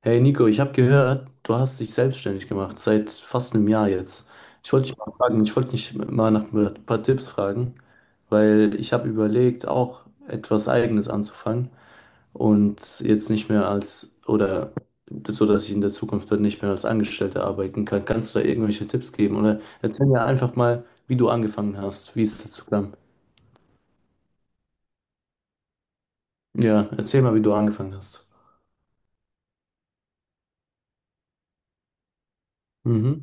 Hey Nico, ich habe gehört, du hast dich selbstständig gemacht, seit fast einem Jahr jetzt. Ich wollte dich mal nach ein paar Tipps fragen, weil ich habe überlegt, auch etwas Eigenes anzufangen und jetzt nicht mehr als, oder so, dass ich in der Zukunft dann nicht mehr als Angestellter arbeiten kann. Kannst du da irgendwelche Tipps geben? Oder erzähl mir einfach mal, wie du angefangen hast, wie es dazu kam. Ja, erzähl mal, wie du angefangen hast. Mhm.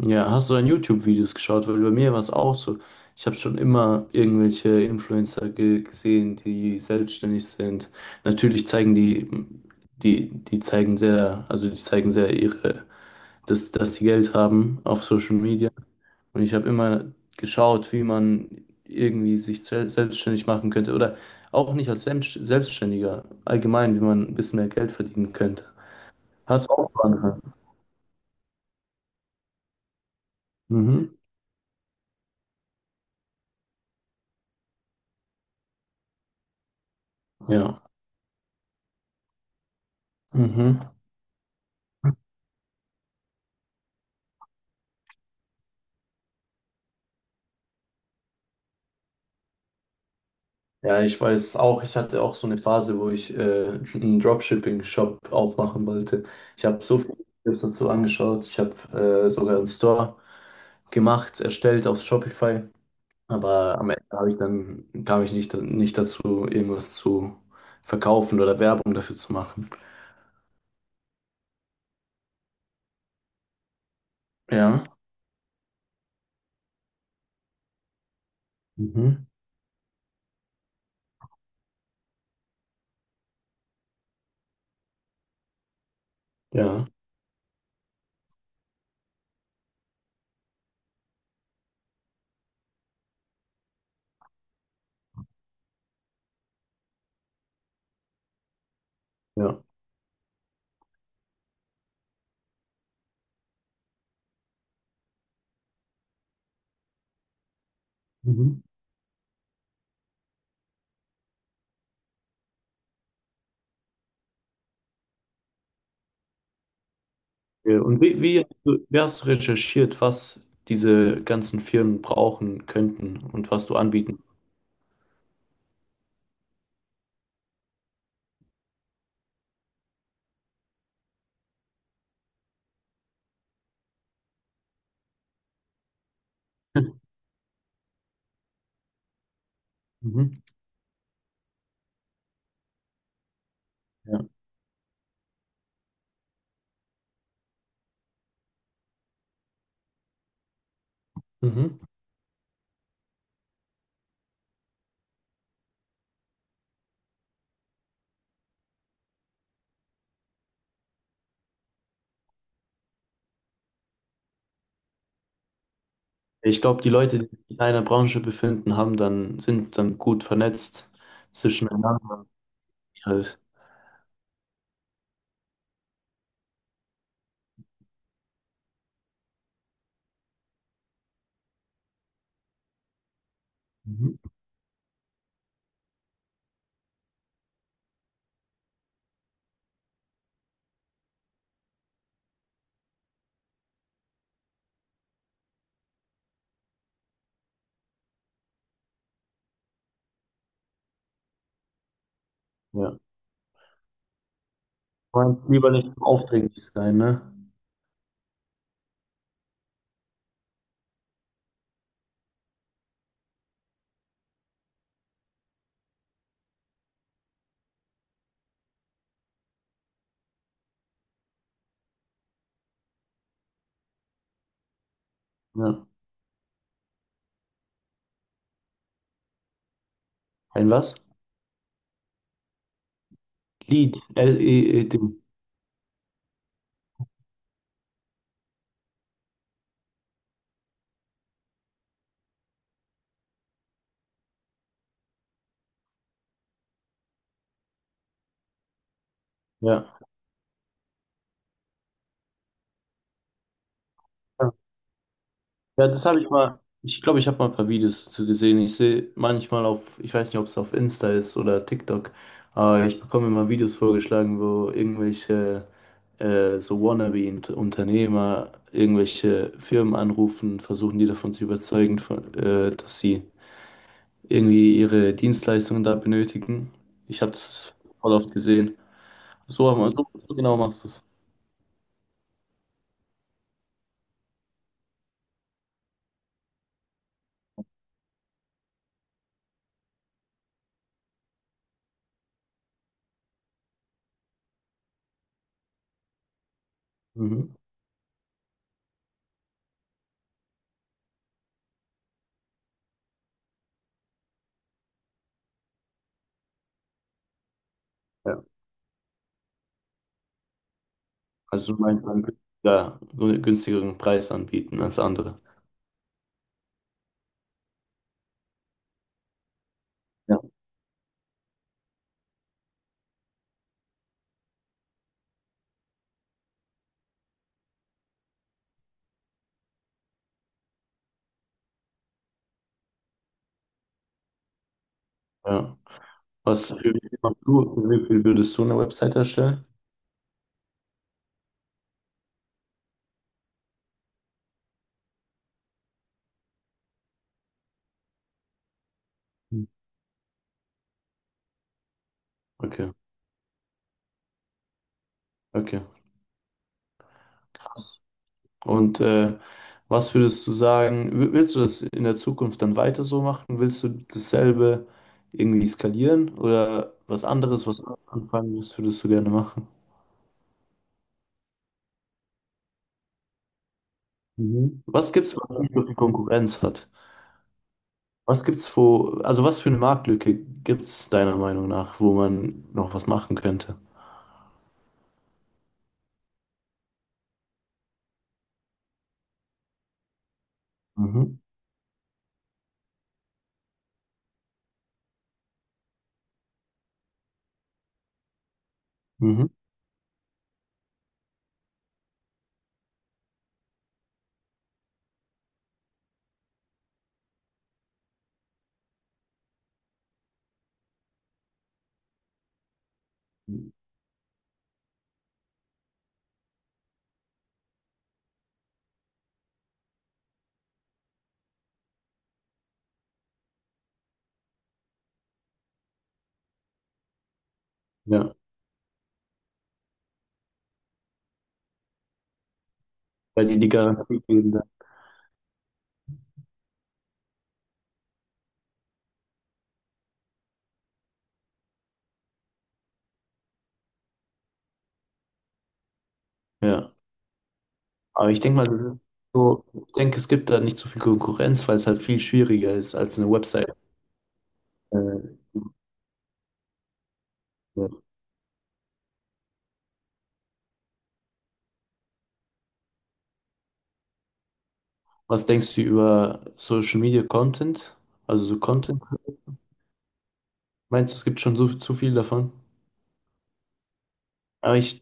Ja, hast du dann YouTube-Videos geschaut? Weil bei mir war es auch so. Ich habe schon immer irgendwelche Influencer ge gesehen, die selbstständig sind. Natürlich zeigen die, die, die zeigen sehr, also die zeigen sehr ihre, dass die Geld haben auf Social Media. Und ich habe immer geschaut, wie man irgendwie sich selbstständig machen könnte. Oder auch nicht als Selbstständiger, allgemein, wie man ein bisschen mehr Geld verdienen könnte. Hast du auch angefangen? Mhm. Ja. Mhm. Ja, ich weiß auch, ich hatte auch so eine Phase, wo ich einen Dropshipping-Shop aufmachen wollte. Ich habe so viele Videos dazu angeschaut. Ich habe sogar einen Store gemacht, erstellt auf Shopify. Aber am Ende habe ich dann, kam ich nicht dazu, irgendwas zu verkaufen oder Werbung dafür zu machen. Ja. Mhm. Ja, ja. Mhm. Ja, und wie hast du recherchiert, was diese ganzen Firmen brauchen könnten und was du anbieten? Mhm. Ja. Mhm. Ich glaube, die Leute, die sich in einer Branche befinden, sind dann gut vernetzt zwischeneinander. Halt. Mhm. Ja. Man lieber nicht so aufdringlich sein, ne? Ja. Ein was? Lied. LEED. Ja. Ja, das habe ich mal. Ich glaube, ich habe mal ein paar Videos dazu gesehen. Ich sehe manchmal auf, ich weiß nicht, ob es auf Insta ist oder TikTok, aber ich bekomme immer Videos vorgeschlagen, wo irgendwelche so Wannabe-Unternehmer irgendwelche Firmen anrufen, versuchen die davon zu überzeugen, dass sie irgendwie ihre Dienstleistungen da benötigen. Ich habe das voll oft gesehen. So genau machst du es. Mhm. Ja. Also, du meinst, man könnte da günstigeren Preis anbieten als andere. Ja. Was für wie viel machst du, für wie viel würdest du eine Website erstellen? Hm. Okay, okay. Krass. Und was würdest du sagen, willst du das in der Zukunft dann weiter so machen? Willst du dasselbe irgendwie skalieren oder was anderes anfangen, was würdest du gerne machen? Mhm. Was gibt's, was nicht so viel Konkurrenz hat? Was gibt's, also was für eine Marktlücke gibt's deiner Meinung nach, wo man noch was machen könnte? Mhm. Mhm. Ja, weil die die Garantie geben dann. Ja. Aber ich denke mal, das ist so, ich denke, es gibt da nicht so viel Konkurrenz, weil es halt viel schwieriger ist als eine Website. Äh, ja. Was denkst du über Social Media Content? Also so Content? Meinst du, es gibt schon so, zu viel davon? Aber ich,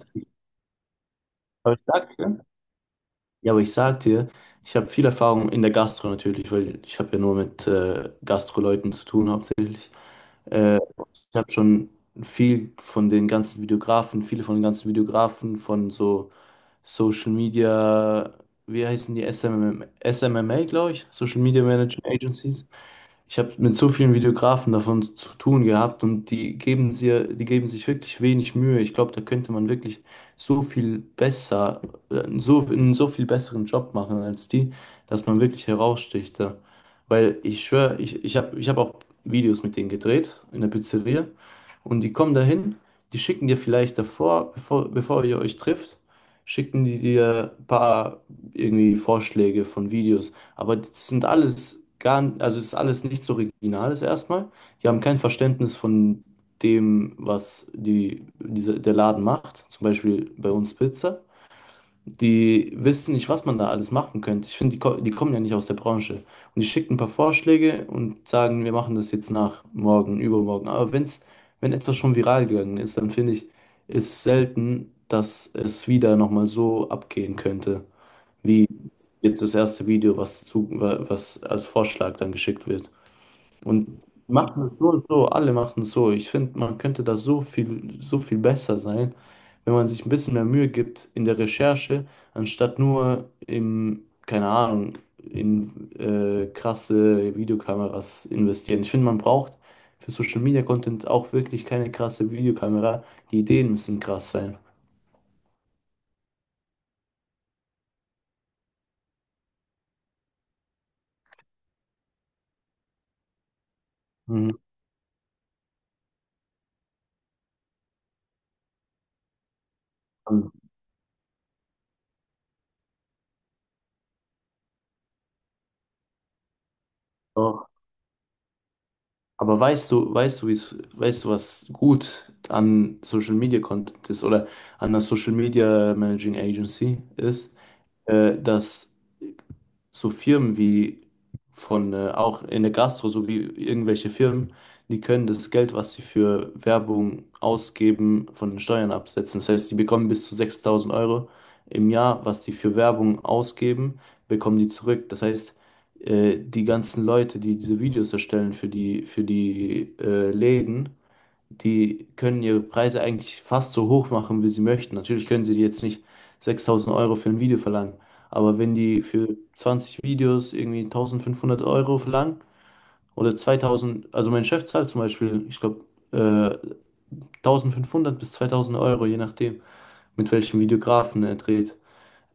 aber ich sag dir, ja, aber ich sag dir, ich habe viel Erfahrung in der Gastro natürlich, weil ich habe ja nur mit Gastro-Leuten zu tun hauptsächlich. Äh, Ich habe schon viele von den ganzen Videografen, von so Social Media, wie heißen die? SMM, SMMA, glaube ich. Social Media Management Agencies. Ich habe mit so vielen Videografen davon zu tun gehabt und die geben sich wirklich wenig Mühe. Ich glaube, da könnte man wirklich so viel besser, so einen so viel besseren Job machen als die, dass man wirklich heraussticht da. Weil ich schwöre, ich hab auch Videos mit denen gedreht in der Pizzeria und die kommen dahin, die schicken dir vielleicht davor, bevor ihr euch trifft, schicken die dir ein paar irgendwie Vorschläge von Videos. Aber das sind alles gar, also es ist alles nichts Originales erstmal. Die haben kein Verständnis von dem, was der Laden macht. Zum Beispiel bei uns Pizza. Die wissen nicht, was man da alles machen könnte. Ich finde, die kommen ja nicht aus der Branche. Und die schicken ein paar Vorschläge und sagen, wir machen das jetzt nach morgen, übermorgen. Aber wenn etwas schon viral gegangen ist, dann finde ich, ist selten, dass es wieder nochmal so abgehen könnte wie jetzt das erste Video, was als Vorschlag dann geschickt wird. Und machen es so und so, alle machen es so. Ich finde, man könnte da so viel besser sein, wenn man sich ein bisschen mehr Mühe gibt in der Recherche, anstatt nur keine Ahnung, in krasse Videokameras investieren. Ich finde, man braucht für Social Media Content auch wirklich keine krasse Videokamera. Die Ideen müssen krass sein. Mhm. Aber weißt du, wie's, weißt du, was gut an Social Media Content ist oder an einer Social Media Managing Agency ist, dass so Firmen auch in der Gastro, so wie irgendwelche Firmen, die können das Geld, was sie für Werbung ausgeben, von den Steuern absetzen. Das heißt, sie bekommen bis zu 6.000 Euro im Jahr, was die für Werbung ausgeben, bekommen die zurück. Das heißt, die ganzen Leute, die diese Videos erstellen für die, für die Läden, die können ihre Preise eigentlich fast so hoch machen, wie sie möchten. Natürlich können sie jetzt nicht 6.000 Euro für ein Video verlangen, aber wenn die für 20 Videos irgendwie 1.500 Euro verlangen oder 2000, also mein Chef zahlt zum Beispiel, ich glaube, äh, 1.500 bis 2.000 Euro, je nachdem, mit welchem Videografen er dreht.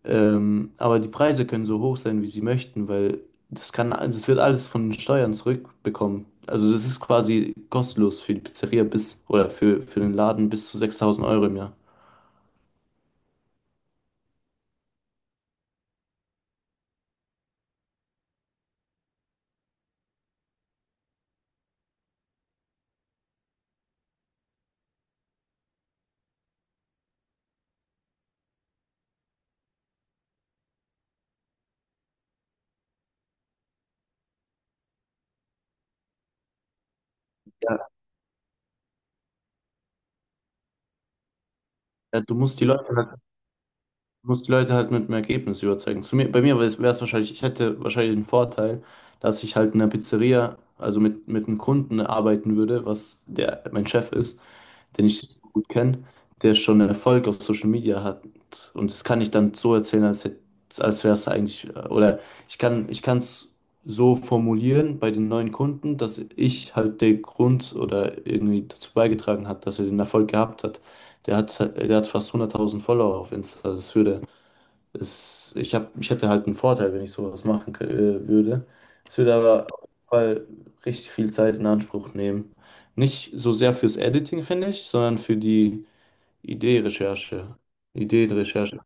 Aber die Preise können so hoch sein, wie sie möchten, weil das wird alles von den Steuern zurückbekommen. Also das ist quasi kostenlos für die Pizzeria bis oder für den Laden bis zu 6.000 Euro im Jahr. Ja, ja, Du musst die Leute halt mit dem Ergebnis überzeugen. Bei mir wäre es wahrscheinlich, ich hätte wahrscheinlich den Vorteil, dass ich halt in einer Pizzeria, also mit einem Kunden arbeiten würde, was der mein Chef ist, den ich so gut kenne, der schon einen Erfolg auf Social Media hat. Und das kann ich dann so erzählen, als wäre es eigentlich, oder ich kann es so formulieren bei den neuen Kunden, dass ich halt der Grund oder irgendwie dazu beigetragen hat, dass er den Erfolg gehabt hat. Der hat fast 100.000 Follower auf Insta. Das würde es, ich hab, ich hätte halt einen Vorteil, wenn ich sowas machen würde. Es würde aber auf jeden Fall richtig viel Zeit in Anspruch nehmen. Nicht so sehr fürs Editing, finde ich, sondern für die Ideenrecherche. Ideenrecherche.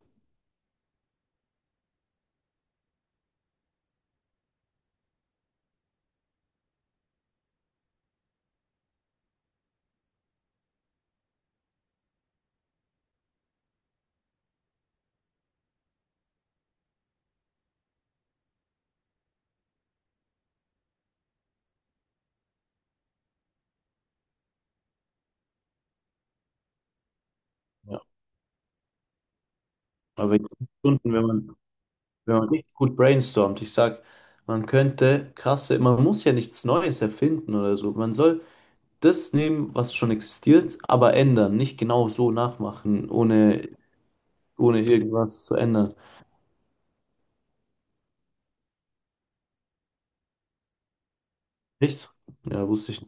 Ja. Aber jetzt Stunden, wenn man richtig gut brainstormt, ich sag, man muss ja nichts Neues erfinden oder so. Man soll das nehmen, was schon existiert, aber ändern, nicht genau so nachmachen, ohne irgendwas zu ändern. Echt? Ja, wusste ich